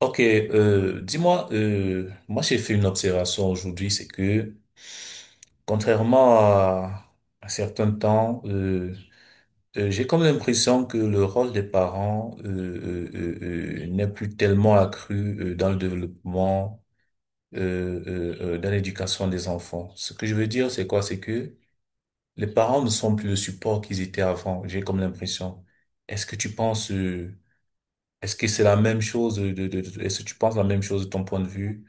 Ok, dis-moi, moi j'ai fait une observation aujourd'hui, c'est que contrairement à un certain temps, j'ai comme l'impression que le rôle des parents n'est plus tellement accru dans le développement, euh, dans l'éducation des enfants. Ce que je veux dire, c'est quoi? C'est que les parents ne sont plus le support qu'ils étaient avant, j'ai comme l'impression. Est-ce que tu penses, est-ce que c'est la même chose est-ce que tu penses la même chose de ton point de vue?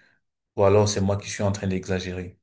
Ou alors c'est moi qui suis en train d'exagérer.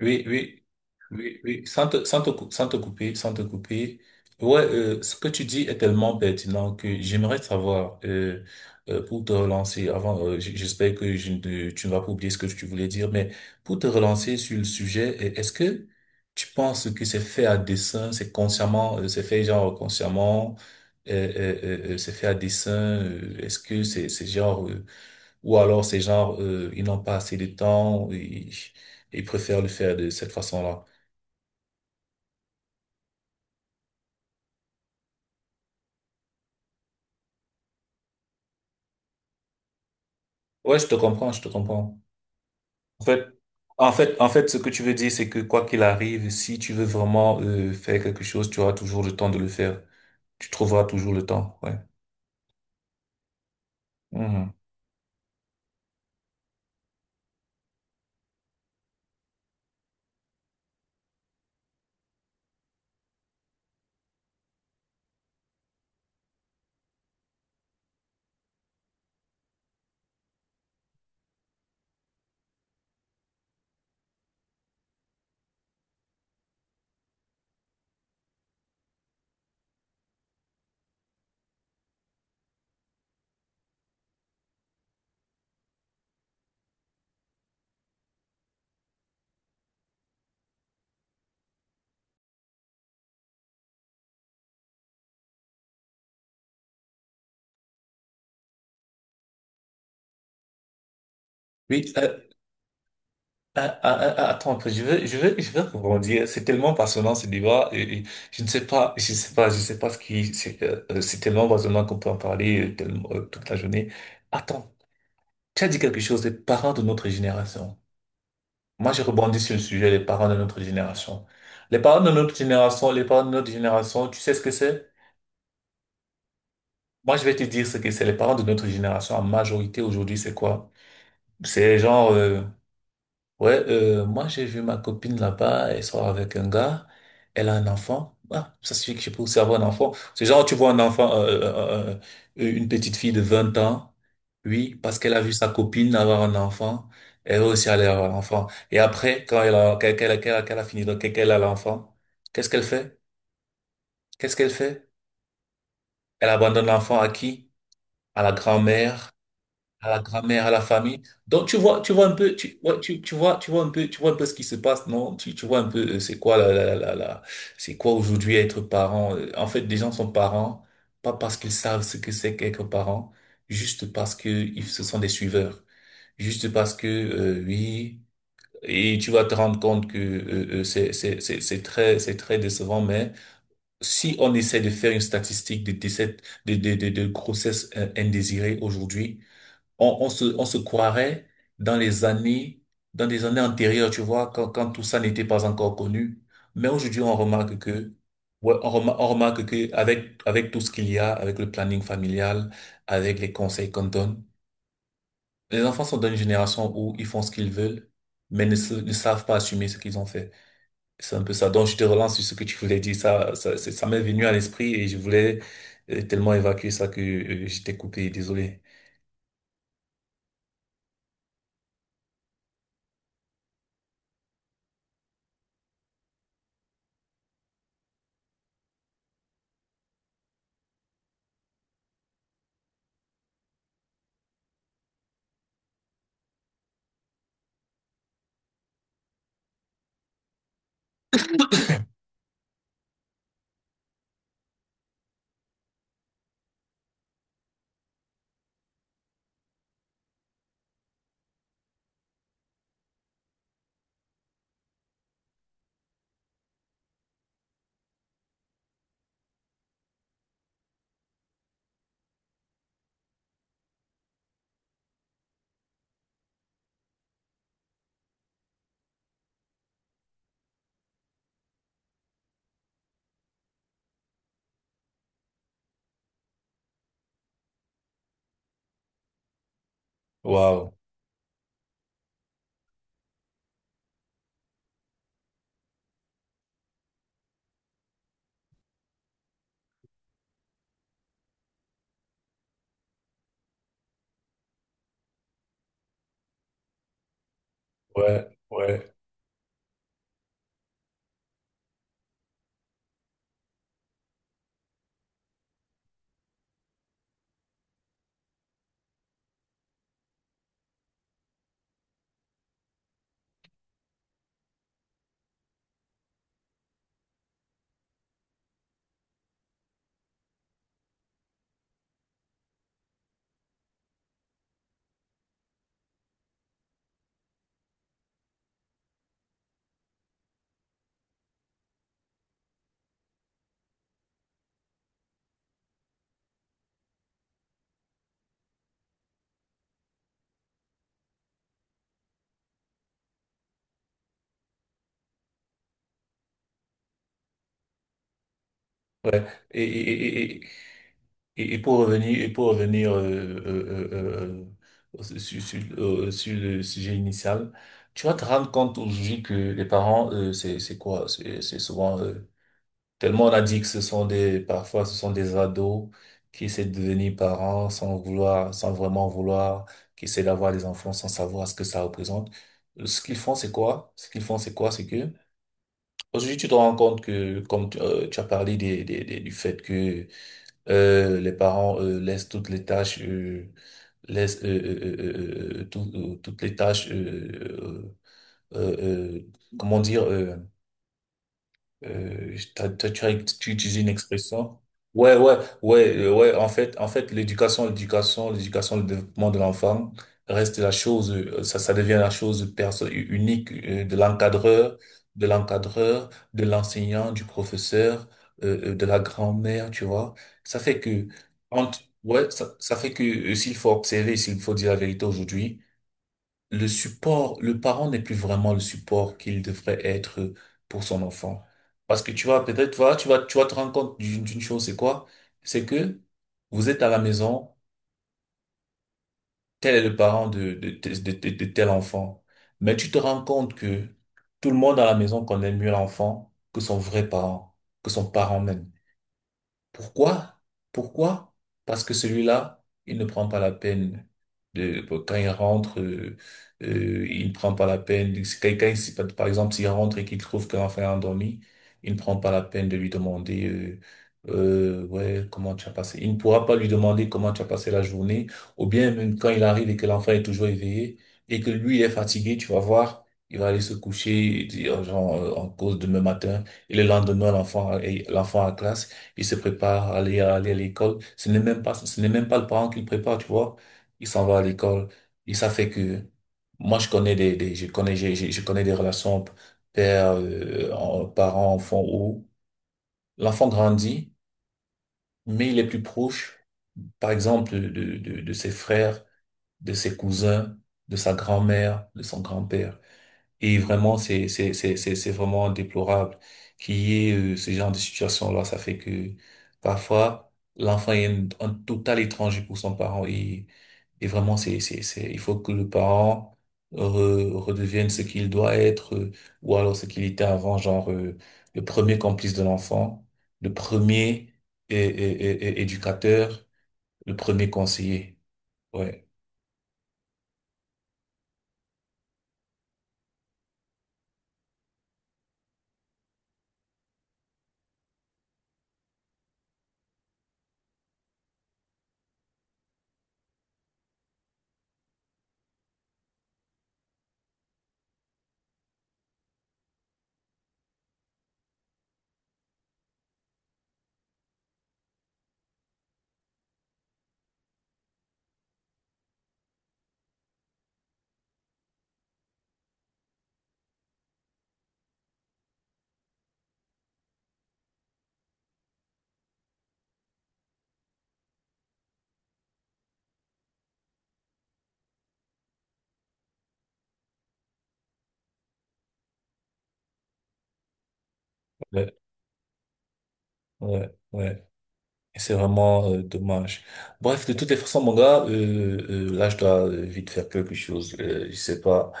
Oui, oui, oui, oui, sans te couper, sans te couper. Ouais, ce que tu dis est tellement pertinent que j'aimerais savoir, pour te relancer, avant, j'espère que je ne- tu ne vas pas oublier ce que tu voulais dire, mais pour te relancer sur le sujet, est-ce que tu penses que c'est fait à dessein, c'est consciemment, c'est fait genre consciemment, euh, euh, c'est fait à dessein, est-ce que c'est genre ou alors c'est genre, ils n'ont pas assez de temps, ils préfèrent le faire de cette façon-là. Ouais, je te comprends, je te comprends. En fait, en fait, en fait, ce que tu veux dire, c'est que quoi qu'il arrive, si tu veux vraiment faire quelque chose, tu auras toujours le temps de le faire. Tu trouveras toujours le temps, ouais. Mhm. Oui, ah, ah, ah, ah, attends, un peu, je veux rebondir. C'est tellement passionnant ce débat. Et je sais pas ce qui, c'est tellement passionnant qu'on peut en parler tellement, toute la journée. Attends. Tu as dit quelque chose des parents de notre génération. Moi, j'ai rebondi sur le sujet des parents de notre génération. Les parents de notre génération, tu sais ce que c'est? Moi, je vais te dire ce que c'est. Les parents de notre génération, en majorité aujourd'hui, c'est quoi? C'est genre, ouais, moi j'ai vu ma copine là-bas, elle sort avec un gars, elle a un enfant. Ah, ça suffit que je peux aussi avoir un enfant. C'est genre, tu vois un enfant, une petite fille de 20 ans, oui, parce qu'elle a vu sa copine avoir un enfant, elle veut aussi aller avoir un enfant. Et après, quand elle a, qu'elle, qu'elle, qu'elle a qu'elle a fini, donc qu'elle a l'enfant, qu'est-ce qu'elle fait? Qu'est-ce qu'elle fait? Elle abandonne l'enfant à qui? À la grand-mère. À la grand-mère, à la famille. Donc tu vois un peu, tu, ouais, tu, tu vois un peu, tu vois un peu ce qui se passe, non? Tu vois un peu, c'est quoi la, c'est quoi aujourd'hui être parent? En fait, des gens sont parents, pas parce qu'ils savent ce que c'est qu'être parent, juste parce que ce sont des suiveurs, juste parce que oui. Et tu vas te rendre compte que c'est très c'est très décevant, mais si on essaie de faire une statistique de décès de grossesse indésirée aujourd'hui, on se croirait dans les années, dans des années antérieures, tu vois, quand tout ça n'était pas encore connu. Mais aujourd'hui, on remarque que, ouais, on remarque que avec tout ce qu'il y a, avec le planning familial, avec les conseils qu'on donne, les enfants sont dans une génération où ils font ce qu'ils veulent, mais ne savent pas assumer ce qu'ils ont fait. C'est un peu ça. Donc, je te relance sur ce que tu voulais dire. Ça m'est venu à l'esprit et je voulais tellement évacuer ça que je t'ai coupé. Désolé. Waouh. Ouais, ouais, ouais. Et, et, et, et, pour revenir, et pour revenir sur le sujet initial, tu vas te rendre compte aujourd'hui que les parents, c'est quoi? C'est souvent, tellement on a dit que ce sont des, parfois ce sont des ados qui essaient de devenir parents sans vouloir, sans vraiment vouloir, qui essaient d'avoir des enfants sans savoir ce que ça représente. Ce qu'ils font, c'est quoi? Ce qu'ils font, c'est quoi? C'est que, aujourd'hui, tu te rends compte que, tu as parlé du fait que les parents laissent toutes les tâches, laissent tout- toutes les tâches, euh, euh, euh, comment dire, tu utilises une expression. Ouais, ouais, ouais, ouais. En fait, l'éducation, le développement de l'enfant reste la chose, ça devient la chose unique de l'encadreur, de l'encadreur, de l'enseignant, du professeur, de la grand-mère, tu vois. Ça fait que, entre- ouais, ça fait que s'il faut observer, s'il faut dire la vérité aujourd'hui, le support, le parent n'est plus vraiment le support qu'il devrait être pour son enfant. Parce que tu vas peut-être, voilà, tu vas te rendre compte d'une chose, c'est quoi? C'est que vous êtes à la maison, tel est le parent de tel enfant. Mais tu te rends compte que tout le monde à la maison connaît mieux l'enfant que son vrai parent, que son parent même. Pourquoi? Pourquoi? Parce que celui-là, il ne prend pas la peine de, quand il rentre, il ne prend pas la peine, quelqu'un, par exemple, s'il rentre et qu'il trouve qu'un enfant est endormi, il ne prend pas la peine de lui demander, ouais, comment tu as passé. Il ne pourra pas lui demander comment tu as passé la journée, ou bien même quand il arrive et que l'enfant est toujours éveillé et que lui est fatigué, tu vas voir, il va aller se coucher et dire, genre, en cause demain matin, et le lendemain, l'enfant à classe. Il se prépare à aller à, aller à l'école. Ce n'est même pas le parent qui le prépare, tu vois. Il s'en va à l'école. Et ça fait que, moi, je connais des relations père, parent, enfant où l'enfant grandit, mais il est plus proche, par exemple, de ses frères, de ses cousins, de sa grand-mère, de son grand-père. Et vraiment, c'est vraiment déplorable qu'il y ait ce genre de situation-là. Ça fait que parfois, l'enfant est un total étranger pour son parent. Et vraiment, c'est, il faut que le parent redevienne ce qu'il doit être ou alors ce qu'il était avant, genre le premier complice de l'enfant, le premier éducateur, le premier conseiller. Ouais, ouais, ouais, ouais. Et c'est vraiment dommage. Bref, de toutes les façons, mon gars, là, je dois vite faire quelque chose. Je sais pas.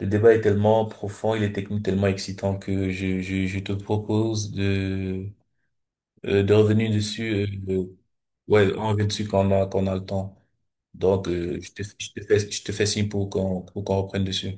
Le débat est tellement profond, il est technique tellement excitant que je te propose de revenir dessus. euh, euh, ouais, on revient dessus quand on a le temps. Donc, je te fais signe pour qu'on reprenne dessus.